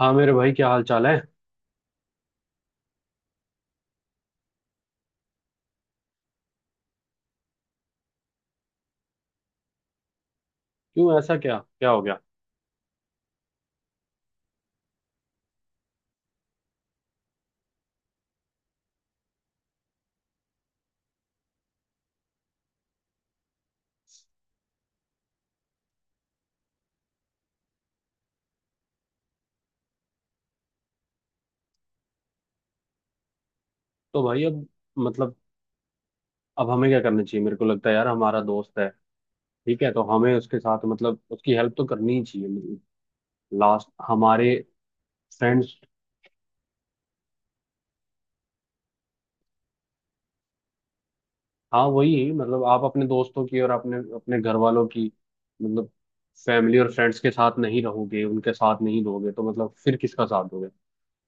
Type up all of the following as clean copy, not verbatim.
हाँ मेरे भाई, क्या हाल चाल है? क्यों? ऐसा क्या क्या हो गया? तो भाई अब, मतलब, अब हमें क्या करना चाहिए? मेरे को लगता है यार, हमारा दोस्त है। ठीक है, तो हमें उसके साथ, मतलब, उसकी हेल्प तो करनी ही चाहिए। मतलब लास्ट हमारे फ्रेंड्स। हाँ, वही मतलब, आप अपने दोस्तों की और अपने अपने घर वालों की, मतलब, फैमिली और फ्रेंड्स के साथ नहीं रहोगे, उनके साथ नहीं दोगे, तो मतलब फिर किसका साथ दोगे?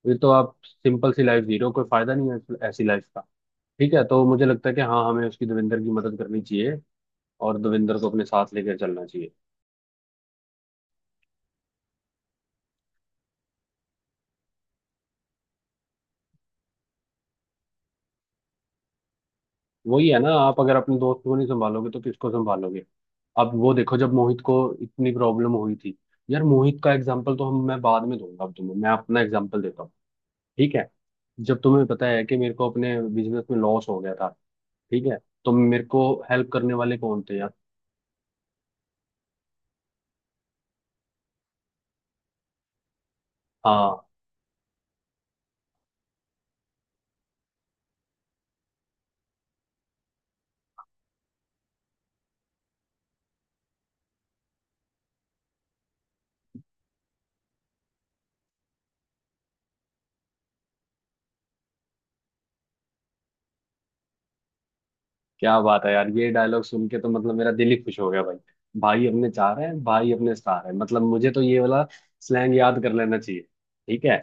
फिर तो आप सिंपल सी लाइफ जी रहे हो, कोई फायदा नहीं है ऐसी लाइफ का। ठीक है, तो मुझे लगता है कि हाँ, हमें उसकी, देवेंद्र की मदद करनी चाहिए और दविंदर को अपने साथ लेकर चलना चाहिए। वही है ना, आप अगर अपने दोस्त को नहीं संभालोगे तो किसको संभालोगे? अब वो देखो, जब मोहित को इतनी प्रॉब्लम हुई थी, यार मोहित का एग्जाम्पल तो हम मैं बाद में दूंगा। अब तुम्हें मैं अपना एग्जाम्पल देता हूँ। ठीक है, जब तुम्हें पता है कि मेरे को अपने बिजनेस में लॉस हो गया था। ठीक है, तो मेरे को हेल्प करने वाले कौन थे यार? हाँ। क्या बात है यार! ये डायलॉग सुन के तो मतलब मेरा दिल ही खुश हो गया भाई। भाई अपने चार है, भाई अपने स्टार है, मतलब मुझे तो ये वाला स्लैंग याद कर लेना चाहिए। ठीक है,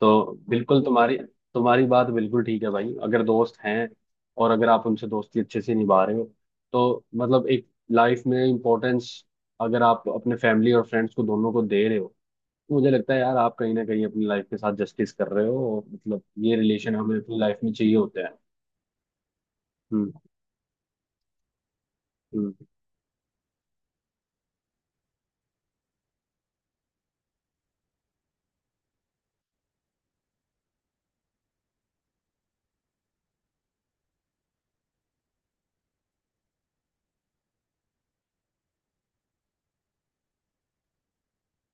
तो बिल्कुल तुम्हारी तुम्हारी बात बिल्कुल ठीक है भाई। अगर दोस्त हैं और अगर आप उनसे दोस्ती अच्छे से निभा रहे हो, तो मतलब एक लाइफ में इम्पोर्टेंस अगर आप अपने फैमिली और फ्रेंड्स को दोनों को दे रहे हो, तो मुझे लगता है यार, आप कहीं ना कहीं अपनी लाइफ के साथ जस्टिस कर रहे हो, और मतलब ये रिलेशन हमें अपनी लाइफ में चाहिए होते हैं। हम्म। हम्म।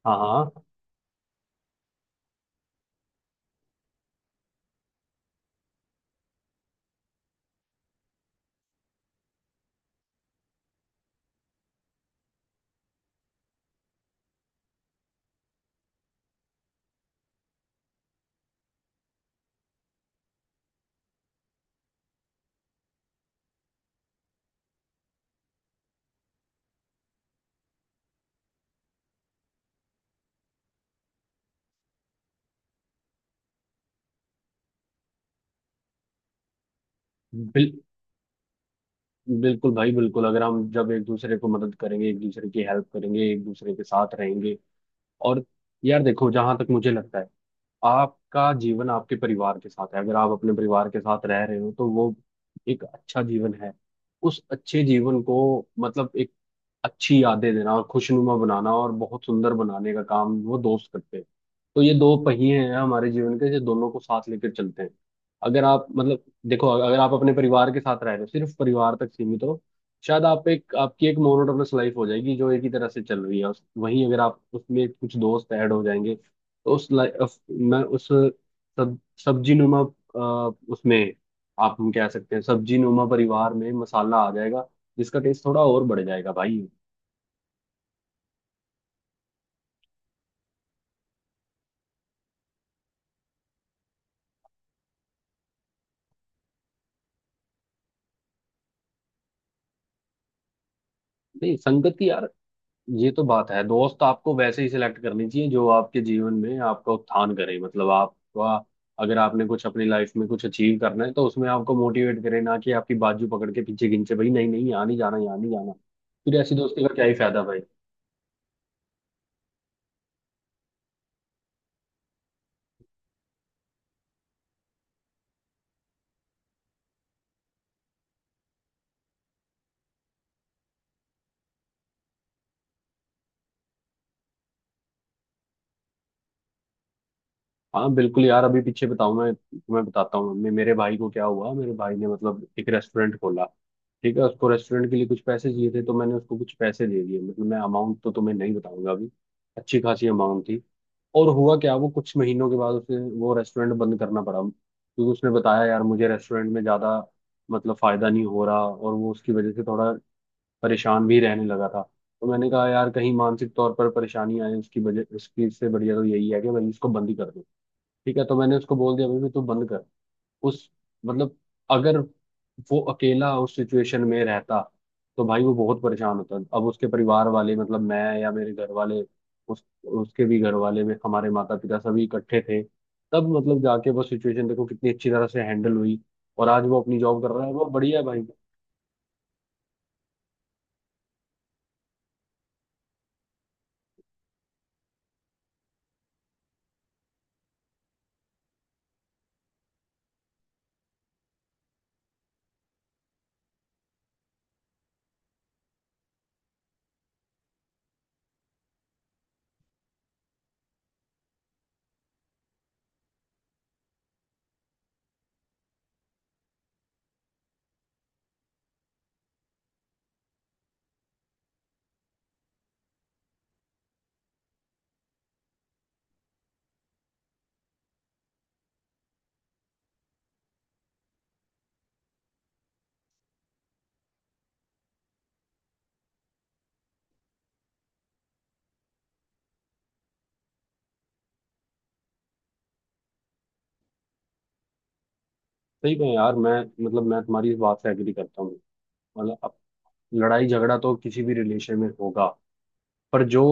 हाँ। हाँ। बिल बिल्कुल भाई, बिल्कुल। अगर हम जब एक दूसरे को मदद करेंगे, एक दूसरे की हेल्प करेंगे, एक दूसरे के साथ रहेंगे, और यार देखो, जहां तक मुझे लगता है, आपका जीवन आपके परिवार के साथ है। अगर आप अपने परिवार के साथ रह रहे हो तो वो एक अच्छा जीवन है। उस अच्छे जीवन को, मतलब, एक अच्छी यादें देना और खुशनुमा बनाना और बहुत सुंदर बनाने का काम वो दोस्त करते हैं। तो ये दो पहिए हैं हमारे जीवन के, जो दोनों को साथ लेकर चलते हैं। अगर आप मतलब, देखो, अगर आप अपने परिवार के साथ रह रहे हो, सिर्फ परिवार तक सीमित हो, शायद आप एक, आपकी एक मोनोटोनस लाइफ हो जाएगी जो एक ही तरह से चल रही है। वहीं अगर आप उसमें कुछ दोस्त ऐड हो जाएंगे तो उस लाइफ मैं उस सब सब्जी नुमा, उसमें, आप, हम कह सकते हैं सब्जी नुमा परिवार में मसाला आ जाएगा, जिसका टेस्ट थोड़ा और बढ़ जाएगा भाई। नहीं संगति यार, ये तो बात है, दोस्त आपको वैसे ही सिलेक्ट करनी चाहिए जो आपके जीवन में आपका उत्थान करे, मतलब आपका, अगर आपने कुछ अपनी लाइफ में कुछ अचीव करना है तो उसमें आपको मोटिवेट करे, ना कि आपकी बाजू पकड़ के पीछे खींचे भाई, नहीं नहीं, यहाँ नहीं जाना, यहाँ नहीं जाना। फिर ऐसी दोस्ती का क्या ही फायदा भाई? हाँ बिल्कुल यार, अभी पीछे बताऊँ, मैं तुम्हें बताता हूँ, मैं मेरे भाई को क्या हुआ, मेरे भाई ने मतलब एक रेस्टोरेंट खोला। ठीक है, उसको रेस्टोरेंट के लिए कुछ पैसे चाहिए थे, तो मैंने उसको कुछ पैसे दे दिए। मतलब मैं अमाउंट तो तुम्हें नहीं बताऊंगा अभी, अच्छी खासी अमाउंट थी। और हुआ क्या, वो कुछ महीनों के बाद उसे वो रेस्टोरेंट बंद करना पड़ा, क्योंकि उसने बताया यार मुझे रेस्टोरेंट में ज़्यादा, मतलब, फ़ायदा नहीं हो रहा, और वो उसकी वजह से थोड़ा परेशान भी रहने लगा था। तो मैंने कहा यार, कहीं मानसिक तौर पर परेशानी आए उसकी वजह, उसकी इससे बढ़िया तो यही है कि भाई इसको बंद ही कर दो। ठीक है, तो मैंने उसको बोल दिया भाई, तू बंद कर। उस मतलब, अगर वो अकेला उस सिचुएशन में रहता तो भाई वो बहुत परेशान होता। अब उसके परिवार वाले मतलब, मैं या मेरे घर वाले, उस उसके भी घर वाले में हमारे माता पिता सभी इकट्ठे थे। तब मतलब जाके वो सिचुएशन देखो कितनी अच्छी तरह से हैंडल हुई। और आज वो अपनी जॉब कर रहा है, वो बढ़िया है भाई। सही में यार, मैं, मतलब मैं तुम्हारी इस बात से एग्री करता हूँ। मतलब अब लड़ाई झगड़ा तो किसी भी रिलेशन में होगा, पर जो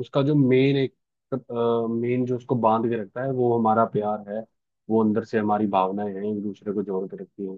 उसका जो मेन एक, मेन जो उसको बांध के रखता है वो हमारा प्यार है। वो अंदर से हमारी भावनाएं हैं, एक दूसरे को जोड़ के रखती हैं।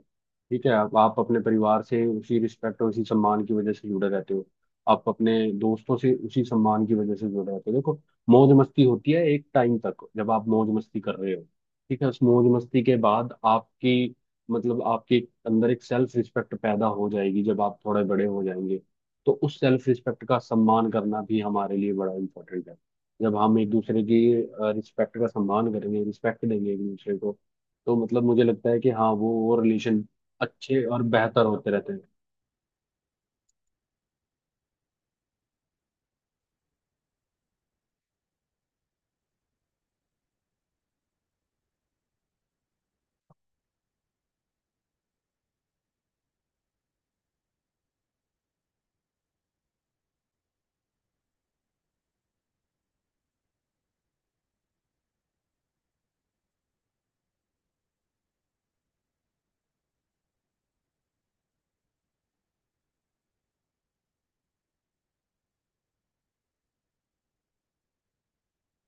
ठीक है, आप अपने परिवार से उसी रिस्पेक्ट और उसी सम्मान की वजह से जुड़े रहते हो। आप अपने दोस्तों से उसी सम्मान की वजह से जुड़े रहते हो। देखो, मौज मस्ती होती है एक टाइम तक जब आप मौज मस्ती कर रहे हो। ठीक है, उस मौज मस्ती के बाद आपकी, मतलब आपके अंदर एक सेल्फ रिस्पेक्ट पैदा हो जाएगी जब आप थोड़े बड़े हो जाएंगे। तो उस सेल्फ रिस्पेक्ट का सम्मान करना भी हमारे लिए बड़ा इम्पोर्टेंट है। जब हम एक दूसरे की रिस्पेक्ट का सम्मान करेंगे, रिस्पेक्ट देंगे एक दूसरे को, तो मतलब मुझे लगता है कि हाँ, वो रिलेशन अच्छे और बेहतर होते रहते हैं।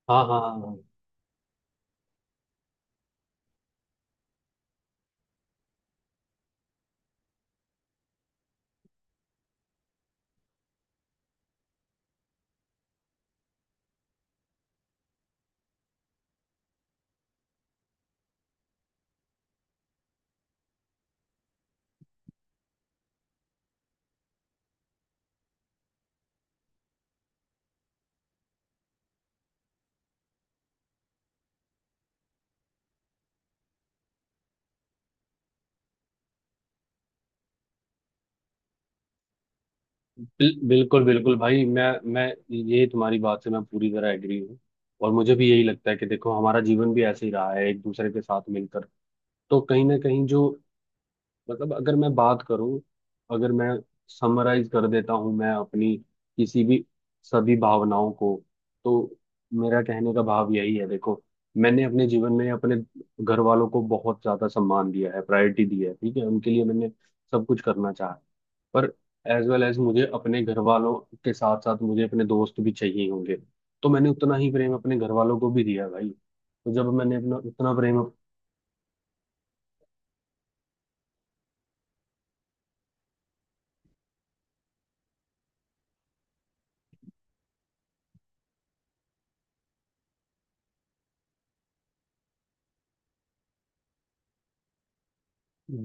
हाँ हाँ हाँ हाँ। बिल्कुल बिल्कुल भाई, मैं ये तुम्हारी बात से मैं पूरी तरह एग्री हूँ। और मुझे भी यही लगता है कि देखो, हमारा जीवन भी ऐसे ही रहा है एक दूसरे के साथ मिलकर। तो कहीं ना कहीं जो, मतलब, अगर मैं बात करूं, अगर मैं समराइज कर देता हूं मैं अपनी किसी भी सभी भावनाओं को, तो मेरा कहने का भाव यही है। देखो, मैंने अपने जीवन में अपने घर वालों को बहुत ज्यादा सम्मान दिया है, प्रायोरिटी दी है। ठीक है, उनके लिए मैंने सब कुछ करना चाहा, पर एज वेल एज, मुझे अपने घर वालों के साथ साथ मुझे अपने दोस्त भी चाहिए होंगे। तो मैंने उतना ही प्रेम अपने घर वालों को भी दिया भाई। तो जब मैंने अपना उतना प्रेम,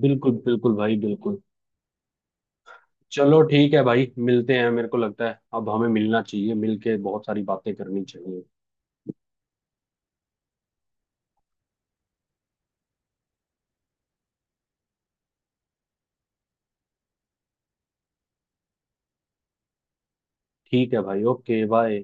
बिल्कुल बिल्कुल भाई बिल्कुल। चलो ठीक है भाई, मिलते हैं। मेरे को लगता है अब हमें मिलना चाहिए, मिलके बहुत सारी बातें करनी चाहिए। ठीक है भाई, ओके, बाय।